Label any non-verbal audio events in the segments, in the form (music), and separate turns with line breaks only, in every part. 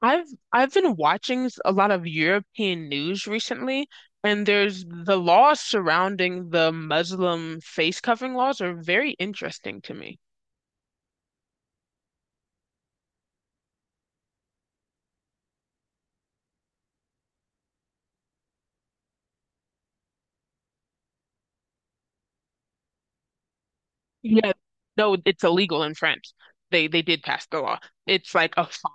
I've I've been watching a lot of European news recently, and there's the laws surrounding the Muslim face covering laws are very interesting to me. Yeah. No, it's illegal in France. They did pass the law. It's like a fine.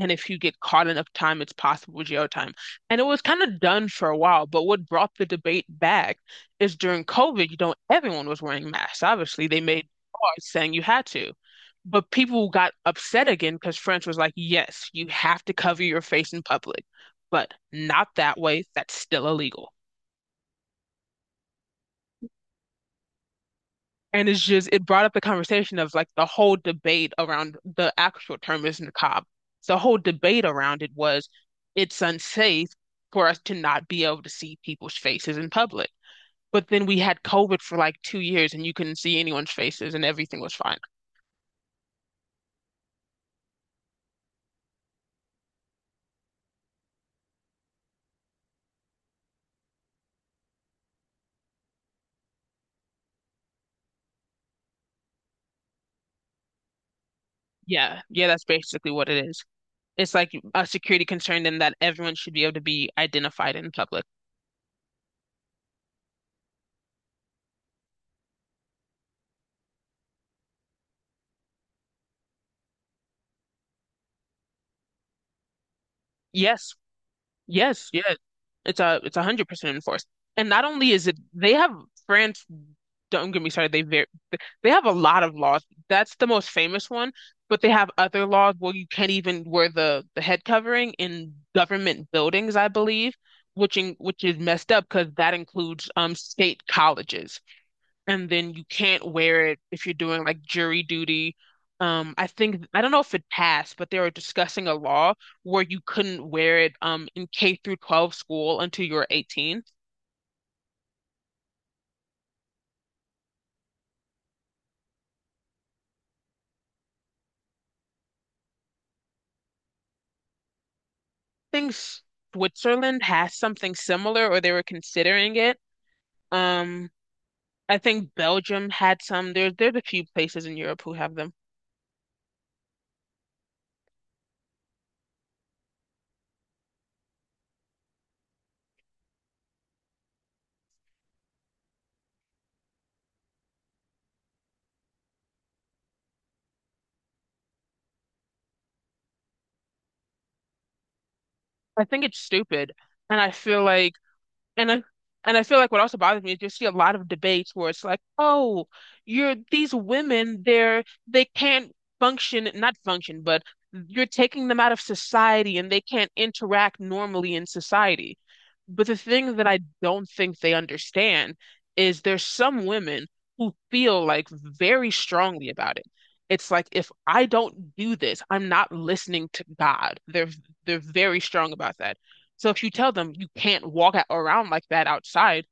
And if you get caught enough time, it's possible jail time. And it was kind of done for a while, but what brought the debate back is during COVID, everyone was wearing masks. Obviously, they made laws saying you had to. But people got upset again because France was like, yes, you have to cover your face in public, but not that way. That's still illegal. And it brought up the conversation of like the whole debate around the actual term is niqab. So the whole debate around it was it's unsafe for us to not be able to see people's faces in public. But then we had COVID for like 2 years and you couldn't see anyone's faces and everything was fine. Yeah, yeah, that's basically what it is. It's like a security concern in that everyone should be able to be identified in public. Yes, yes, yes. It's 100% enforced. And not only is it they have France, don't get me started, they very they have a lot of laws. That's the most famous one, but they have other laws where you can't even wear the head covering in government buildings, I believe, which is messed up because that includes state colleges. And then you can't wear it if you're doing like jury duty. I think I don't know if it passed, but they were discussing a law where you couldn't wear it in K through 12 school until you were 18. I think Switzerland has something similar, or they were considering it. Um, I think Belgium had some. There's a few places in Europe who have them. I think it's stupid, and I feel like. And I and I feel like what also bothers me is you see a lot of debates where it's like, oh, you're these women, they can't function, not function, but you're taking them out of society and they can't interact normally in society. But the thing that I don't think they understand is there's some women who feel like very strongly about it. It's like if I don't do this, I'm not listening to God. They're very strong about that. So if you tell them you can't around like that outside,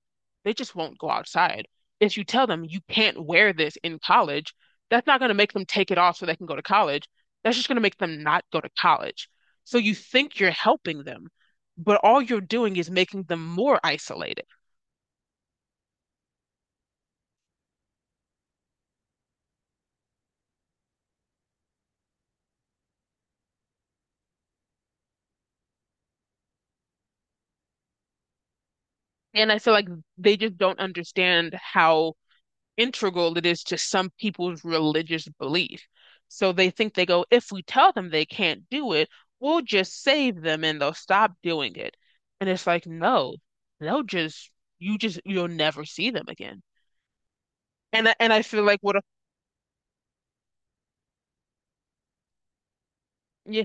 they just won't go outside. If you tell them you can't wear this in college, that's not going to make them take it off so they can go to college. That's just going to make them not go to college. So you think you're helping them, but all you're doing is making them more isolated. And I feel like they just don't understand how integral it is to some people's religious belief. So they go, if we tell them they can't do it, we'll just save them and they'll stop doing it. And it's like, no, they'll just you just you'll never see them again. And I feel like what a. Yeah.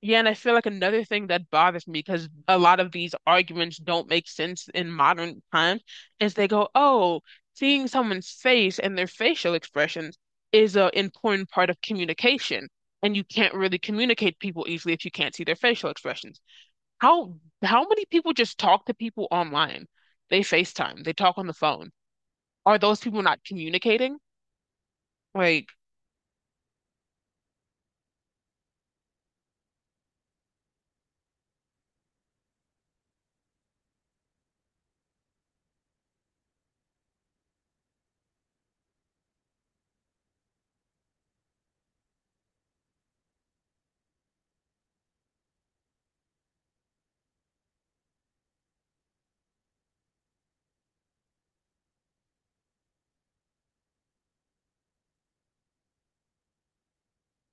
Yeah, and I feel like another thing that bothers me because a lot of these arguments don't make sense in modern times is they go, oh, seeing someone's face and their facial expressions is an important part of communication, and you can't really communicate people easily if you can't see their facial expressions. How how many people just talk to people online? They FaceTime, they talk on the phone. Are those people not communicating? Like,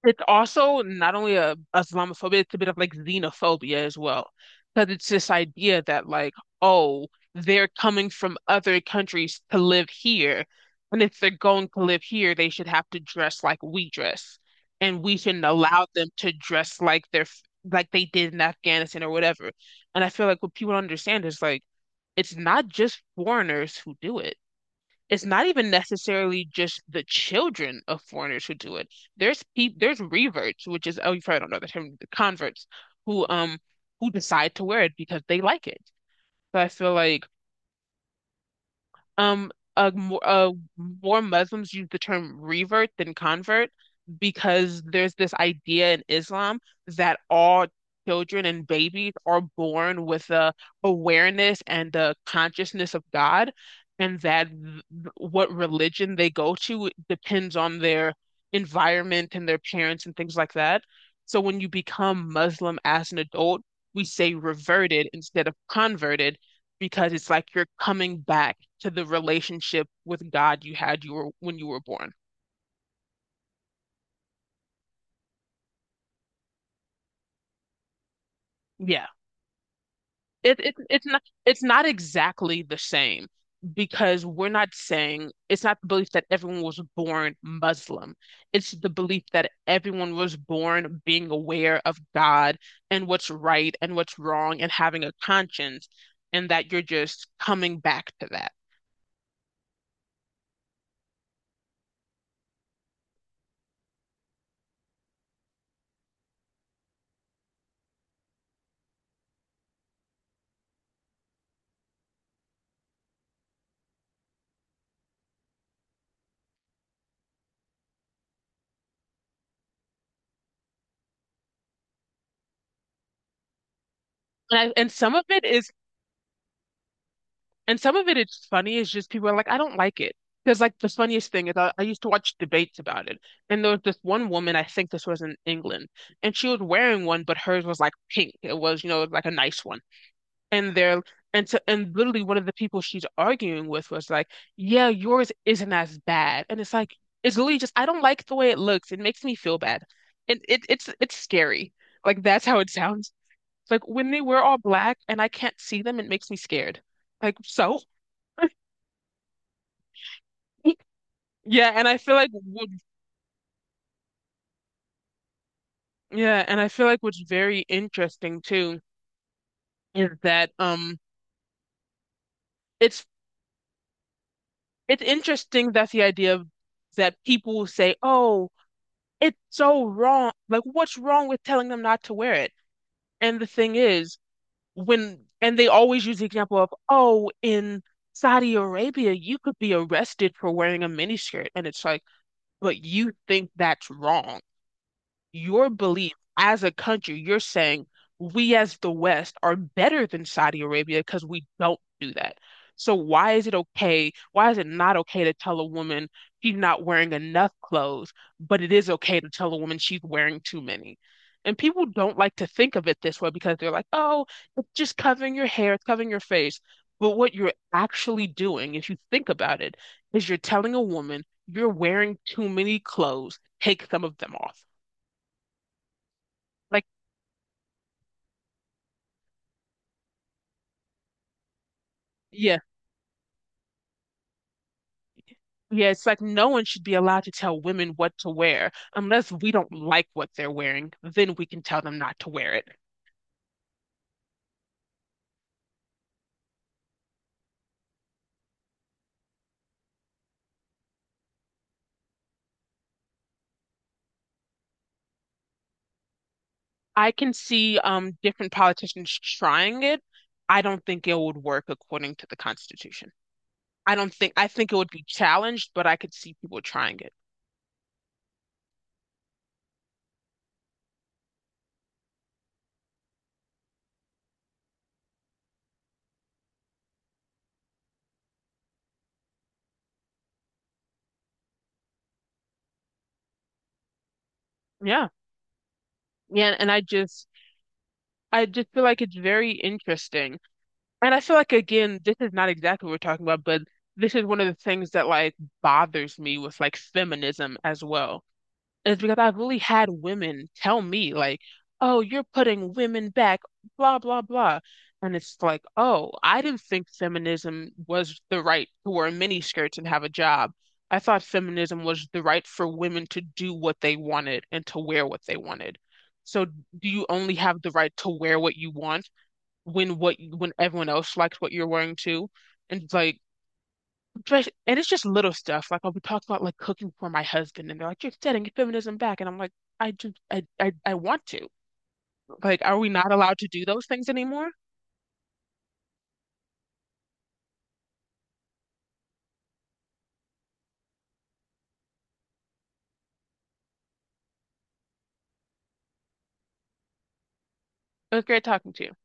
it's also not only a Islamophobia, it's a bit of like xenophobia as well. Because it's this idea that like, oh, they're coming from other countries to live here. And if they're going to live here, they should have to dress like we dress. And we shouldn't allow them to dress like like they did in Afghanistan or whatever. And I feel like what people don't understand is like it's not just foreigners who do it, it's not even necessarily just the children of foreigners who do it. There's reverts, which is oh you probably don't know the term, the converts who um who decide to wear it because they like it. So I feel like um, more Muslims use the term revert than convert because there's this idea in Islam that all children and babies are born with a awareness and a consciousness of God, and that what religion they go to depends on their environment and their parents and things like that. So when you become Muslim as an adult, we say reverted instead of converted because it's like you're coming back to the relationship with God you were when you were born. Yeah. It's not exactly the same because we're not saying it's not the belief that everyone was born Muslim. It's the belief that everyone was born being aware of God and what's right and what's wrong and having a conscience and that you're just coming back to that. And some of it is. And some of it is funny, it's just people are like, I don't like it. Because like the funniest thing is I used to watch debates about it. And there was this one woman, I think this was in England, and she was wearing one, but hers was like pink. It was, you know, like a nice one. And they're and so and Literally one of the people she's arguing with was like, yeah, yours isn't as bad. And it's like it's literally just I don't like the way it looks. It makes me feel bad. And it's scary. Like that's how it sounds. It's like when they wear all black and I can't see them, it makes me scared. Like so? (laughs) Yeah, and I feel like what, yeah, and I feel like what's very interesting too is that it's it's interesting that the idea of that people say, "Oh, it's so wrong. Like what's wrong with telling them not to wear it?" And the thing is, when and they always use the example of, "Oh, in Saudi Arabia, you could be arrested for wearing a miniskirt." And it's like, "But you think that's wrong." Your belief as a country, you're saying we as the West are better than Saudi Arabia because we don't do that. So why is it okay? Why is it not okay to tell a woman she's not wearing enough clothes, but it is okay to tell a woman she's wearing too many? And people don't like to think of it this way because they're like, oh, it's just covering your hair, it's covering your face. But what you're actually doing, if you think about it, is you're telling a woman you're wearing too many clothes, take some of them off. Like. Yeah. Yeah, it's like no one should be allowed to tell women what to wear unless we don't like what they're wearing, then we can tell them not to wear it. I can see different politicians trying it. I don't think it would work according to the Constitution. I don't think I think it would be challenged, but I could see people trying it. Yeah. Yeah, and I just feel like it's very interesting. And I feel like again, this is not exactly what we're talking about, but this is one of the things that like bothers me with like feminism as well is because I've really had women tell me, like, oh, you're putting women back, blah, blah, blah. And it's like, oh, I didn't think feminism was the right to wear miniskirts and have a job. I thought feminism was the right for women to do what they wanted and to wear what they wanted. So do you only have the right to wear what you want when everyone else likes what you're wearing too? And like but and It's just little stuff. Like I'll be talking about like cooking for my husband, and they're like, "You're setting feminism back," and I'm like, "I do, I want to. Like, are we not allowed to do those things anymore?" It was great talking to you.